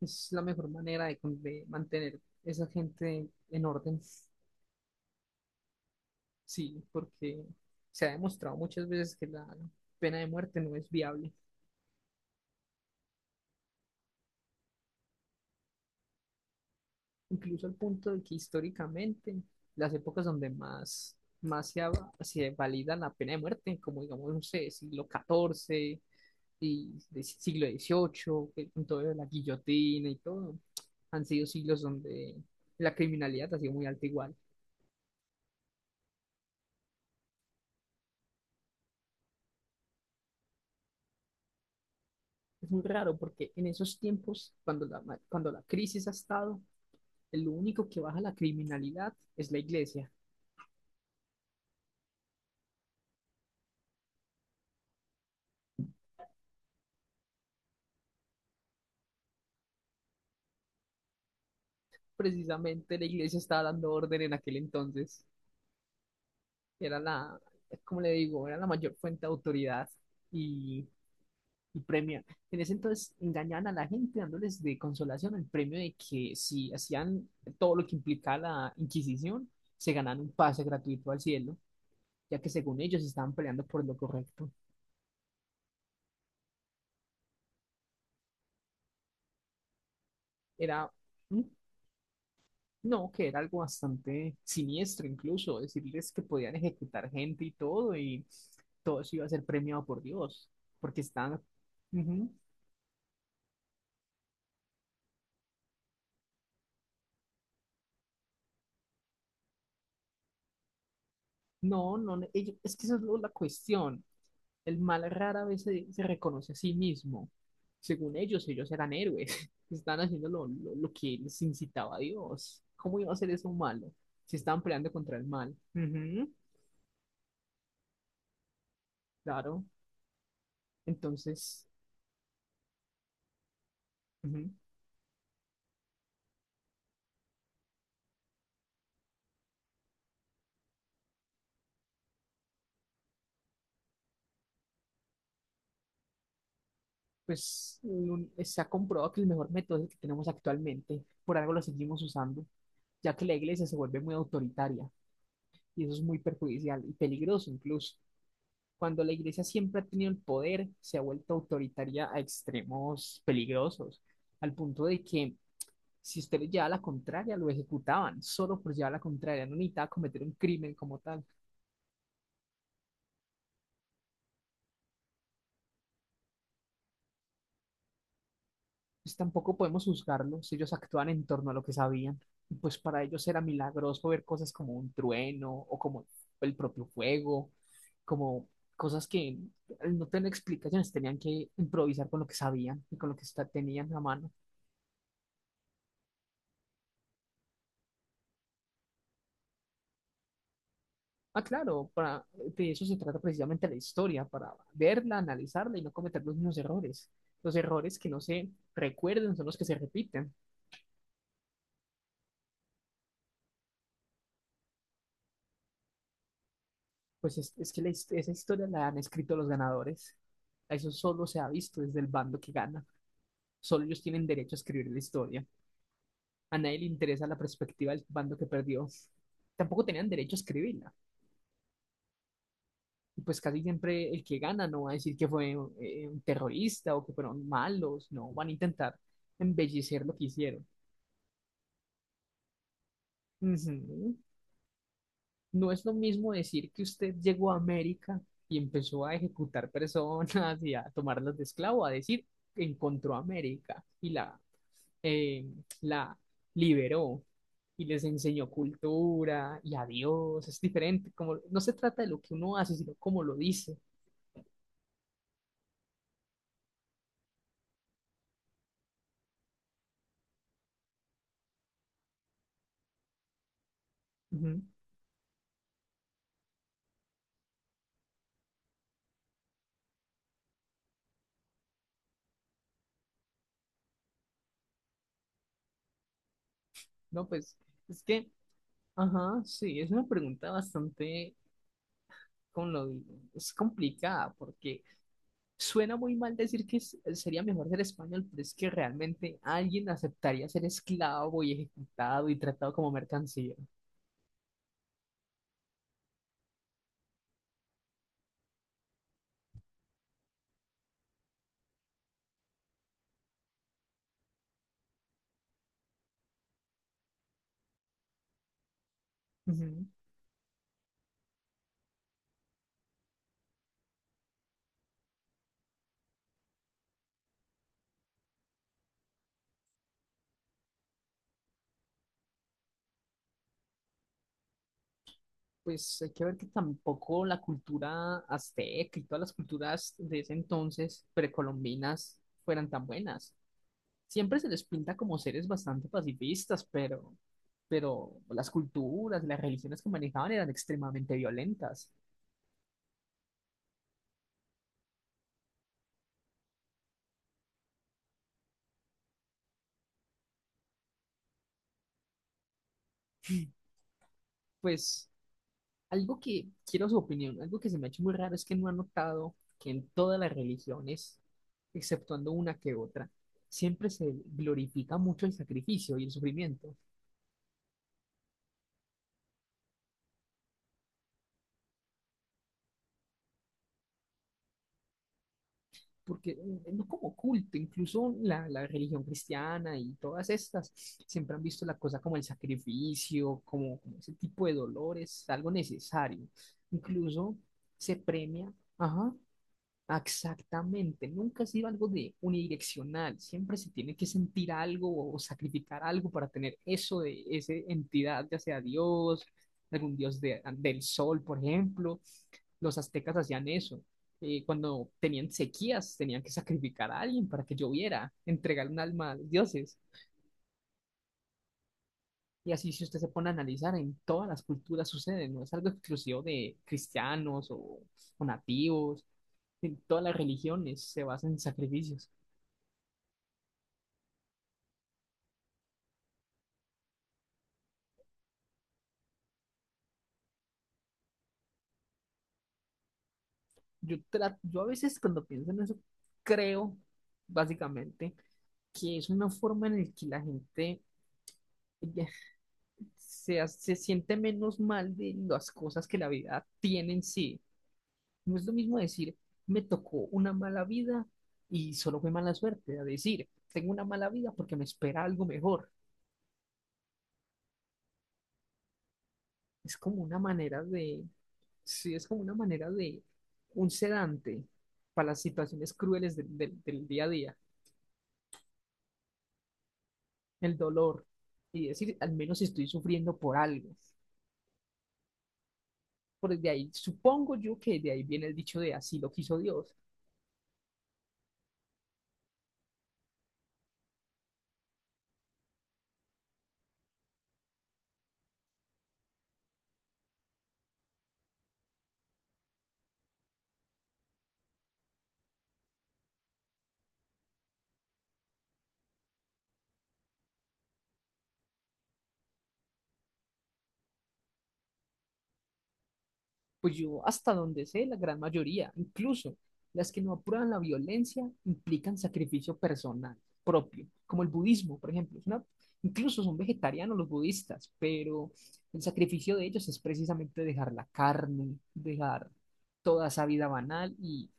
Es la mejor manera de, de mantener esa gente en orden. Sí, porque se ha demostrado muchas veces que la pena de muerte no es viable, incluso al punto de que históricamente las épocas donde más se valida la pena de muerte, como digamos, no sé, siglo XIV y de siglo XVIII, que con todo lo de la guillotina y todo, han sido siglos donde la criminalidad ha sido muy alta igual. Es muy raro porque en esos tiempos, cuando la crisis ha estado, lo único que baja la criminalidad es la iglesia. Precisamente la iglesia estaba dando orden en aquel entonces. Era la, como le digo, era la mayor fuente de autoridad y, y premio. En ese entonces engañaban a la gente dándoles de consolación el premio de que si hacían todo lo que implicaba la Inquisición, se ganaban un pase gratuito al cielo, ya que según ellos estaban peleando por lo correcto. Era un No, que era algo bastante siniestro incluso, decirles que podían ejecutar gente y todo eso iba a ser premiado por Dios, porque estaban... Ujú. No, no, no, es que la cuestión. El mal rara vez se reconoce a sí mismo. Según ellos, ellos eran héroes, estaban haciendo lo que les incitaba a Dios. ¿Cómo iba a ser eso malo? Si estaban peleando contra el mal. Ujú. Claro, entonces... ujú. Pues se ha comprobado que el mejor método es el que tenemos actualmente, por algo lo seguimos usando, ya que la iglesia se vuelve muy autoritaria y eso es muy perjudicial y peligroso incluso. Cuando la iglesia siempre ha tenido el poder, se ha vuelto autoritaria a extremos peligrosos, al punto de que si usted le llevaba la contraria, lo ejecutaban solo por llevar la contraria, no necesitaba cometer un crimen como tal. Pues tampoco podemos juzgarlos, ellos actúan en torno a lo que sabían. Y pues para ellos era milagroso ver cosas como un trueno o como el propio fuego, como cosas que al no tener explicaciones tenían que improvisar con lo que sabían y con lo que tenían a mano. Ah, claro, para, de eso se trata precisamente la historia, para verla, analizarla y no cometer los mismos errores. Los errores que no se recuerden son los que se repiten. Pues es que esa historia la han escrito los ganadores. A Eso solo se ha visto desde el bando que gana. Solo ellos tienen derecho a escribir la historia. A nadie le interesa la perspectiva del bando que perdió. Tampoco tenían derecho a escribirla. Y pues casi siempre el que gana no va a decir que fue un terrorista o que fueron malos. No, van a intentar embellecer lo que hicieron. Ujú. No es lo mismo decir que usted llegó a América y empezó a ejecutar personas y a tomarlas de esclavo, a decir que encontró América y eh, la liberó y les enseñó cultura y a Dios. Es diferente, como no se trata de lo que uno hace, sino cómo lo dice. Ujú. No, es que, ajá, sí, es una pregunta bastante, ¿cómo lo digo? Es complicada porque suena muy mal decir que sería mejor ser español, pero es que realmente alguien aceptaría ser esclavo y ejecutado y tratado como mercancía. Ujú. Pues hay que ver que tampoco la cultura azteca y todas las culturas de ese entonces precolombinas fueran tan buenas. Siempre se les pinta como seres bastante pacifistas, pero las culturas, las religiones que manejaban eran extremadamente violentas. Pues Algo que quiero su opinión, algo que se me ha hecho muy raro es que no ha notado que en todas las religiones, exceptuando una que otra, siempre se glorifica mucho el sacrificio y el sufrimiento, porque no como culto, incluso la religión cristiana y todas estas siempre han visto la cosa como el sacrificio, como ese tipo de dolores, algo necesario. Incluso se premia, ajá. Exactamente, nunca ha sido algo de unidireccional, siempre se tiene que sentir algo o sacrificar algo para tener eso de esa entidad, ya sea Dios, algún del sol, por ejemplo. Los aztecas hacían eso. Cuando tenían sequías, tenían que sacrificar a alguien para que lloviera, entregar un alma a los dioses. Y así, si usted se pone a analizar, en todas las culturas sucede, no es algo exclusivo de cristianos o nativos, en todas las religiones se basan en sacrificios. Yo a veces cuando pienso en eso, creo básicamente que es una forma en la que la gente ya se siente menos mal de las cosas que la vida tiene en sí. No es lo mismo decir, me tocó una mala vida y solo fue mala suerte, a decir, tengo una mala vida porque me espera algo mejor. Es como una manera de, sí, es como una manera de un sedante para las situaciones crueles del día a día. El dolor y decir, al menos estoy sufriendo por algo. Supongo yo que de ahí viene el dicho de así lo quiso Dios. Pues yo, hasta donde sé, la gran mayoría, incluso las que no apuran la violencia, implican sacrificio personal propio, como el budismo, por ejemplo. Incluso son vegetarianos los budistas, pero el sacrificio de ellos es precisamente dejar la carne, dejar toda esa vida banal. Y,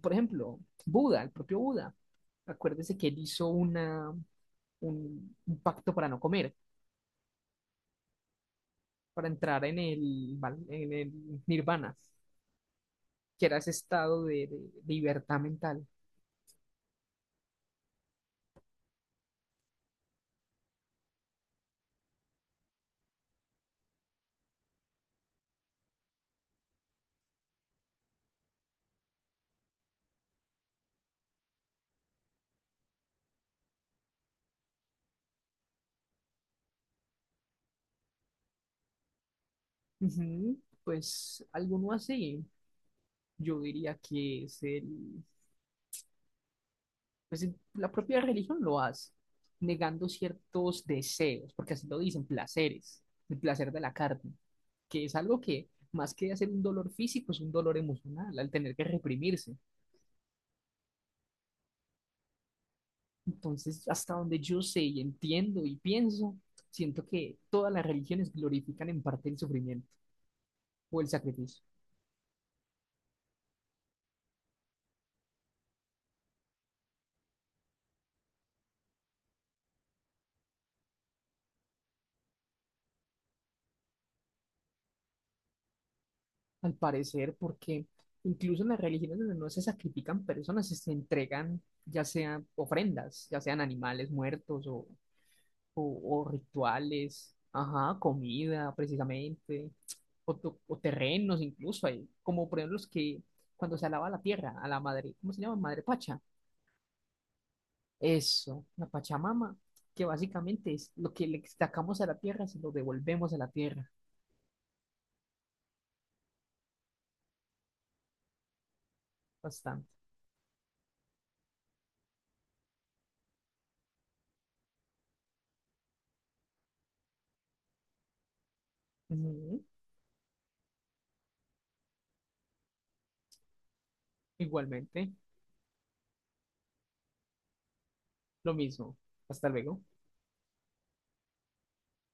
por ejemplo, Buda, el propio Buda, acuérdese que él hizo un pacto para no comer, para entrar en en el nirvana. Que era ese estado de, de libertad mental. Ujú. Pues alguno así, yo diría que es el, pues la propia religión lo hace, negando ciertos deseos, porque así lo dicen, placeres, el placer de la carne, que es algo que más que hacer un dolor físico, es un dolor emocional, al tener que reprimirse. Entonces, hasta donde yo sé y entiendo y pienso, siento que todas las religiones glorifican en parte el sufrimiento o el sacrificio. Al parecer, porque incluso en las religiones donde no se sacrifican personas, se entregan ya sean ofrendas, ya sean animales muertos o, o rituales, ajá, comida precisamente, o, o terrenos incluso, hay, como por ejemplo los que cuando se alaba la tierra, a la madre, ¿cómo se llama? Madre Pacha. Eso, la Pachamama, que básicamente es lo que le sacamos a la tierra, se lo devolvemos a la tierra, bastante. Ujú. Igualmente, lo mismo. Hasta luego.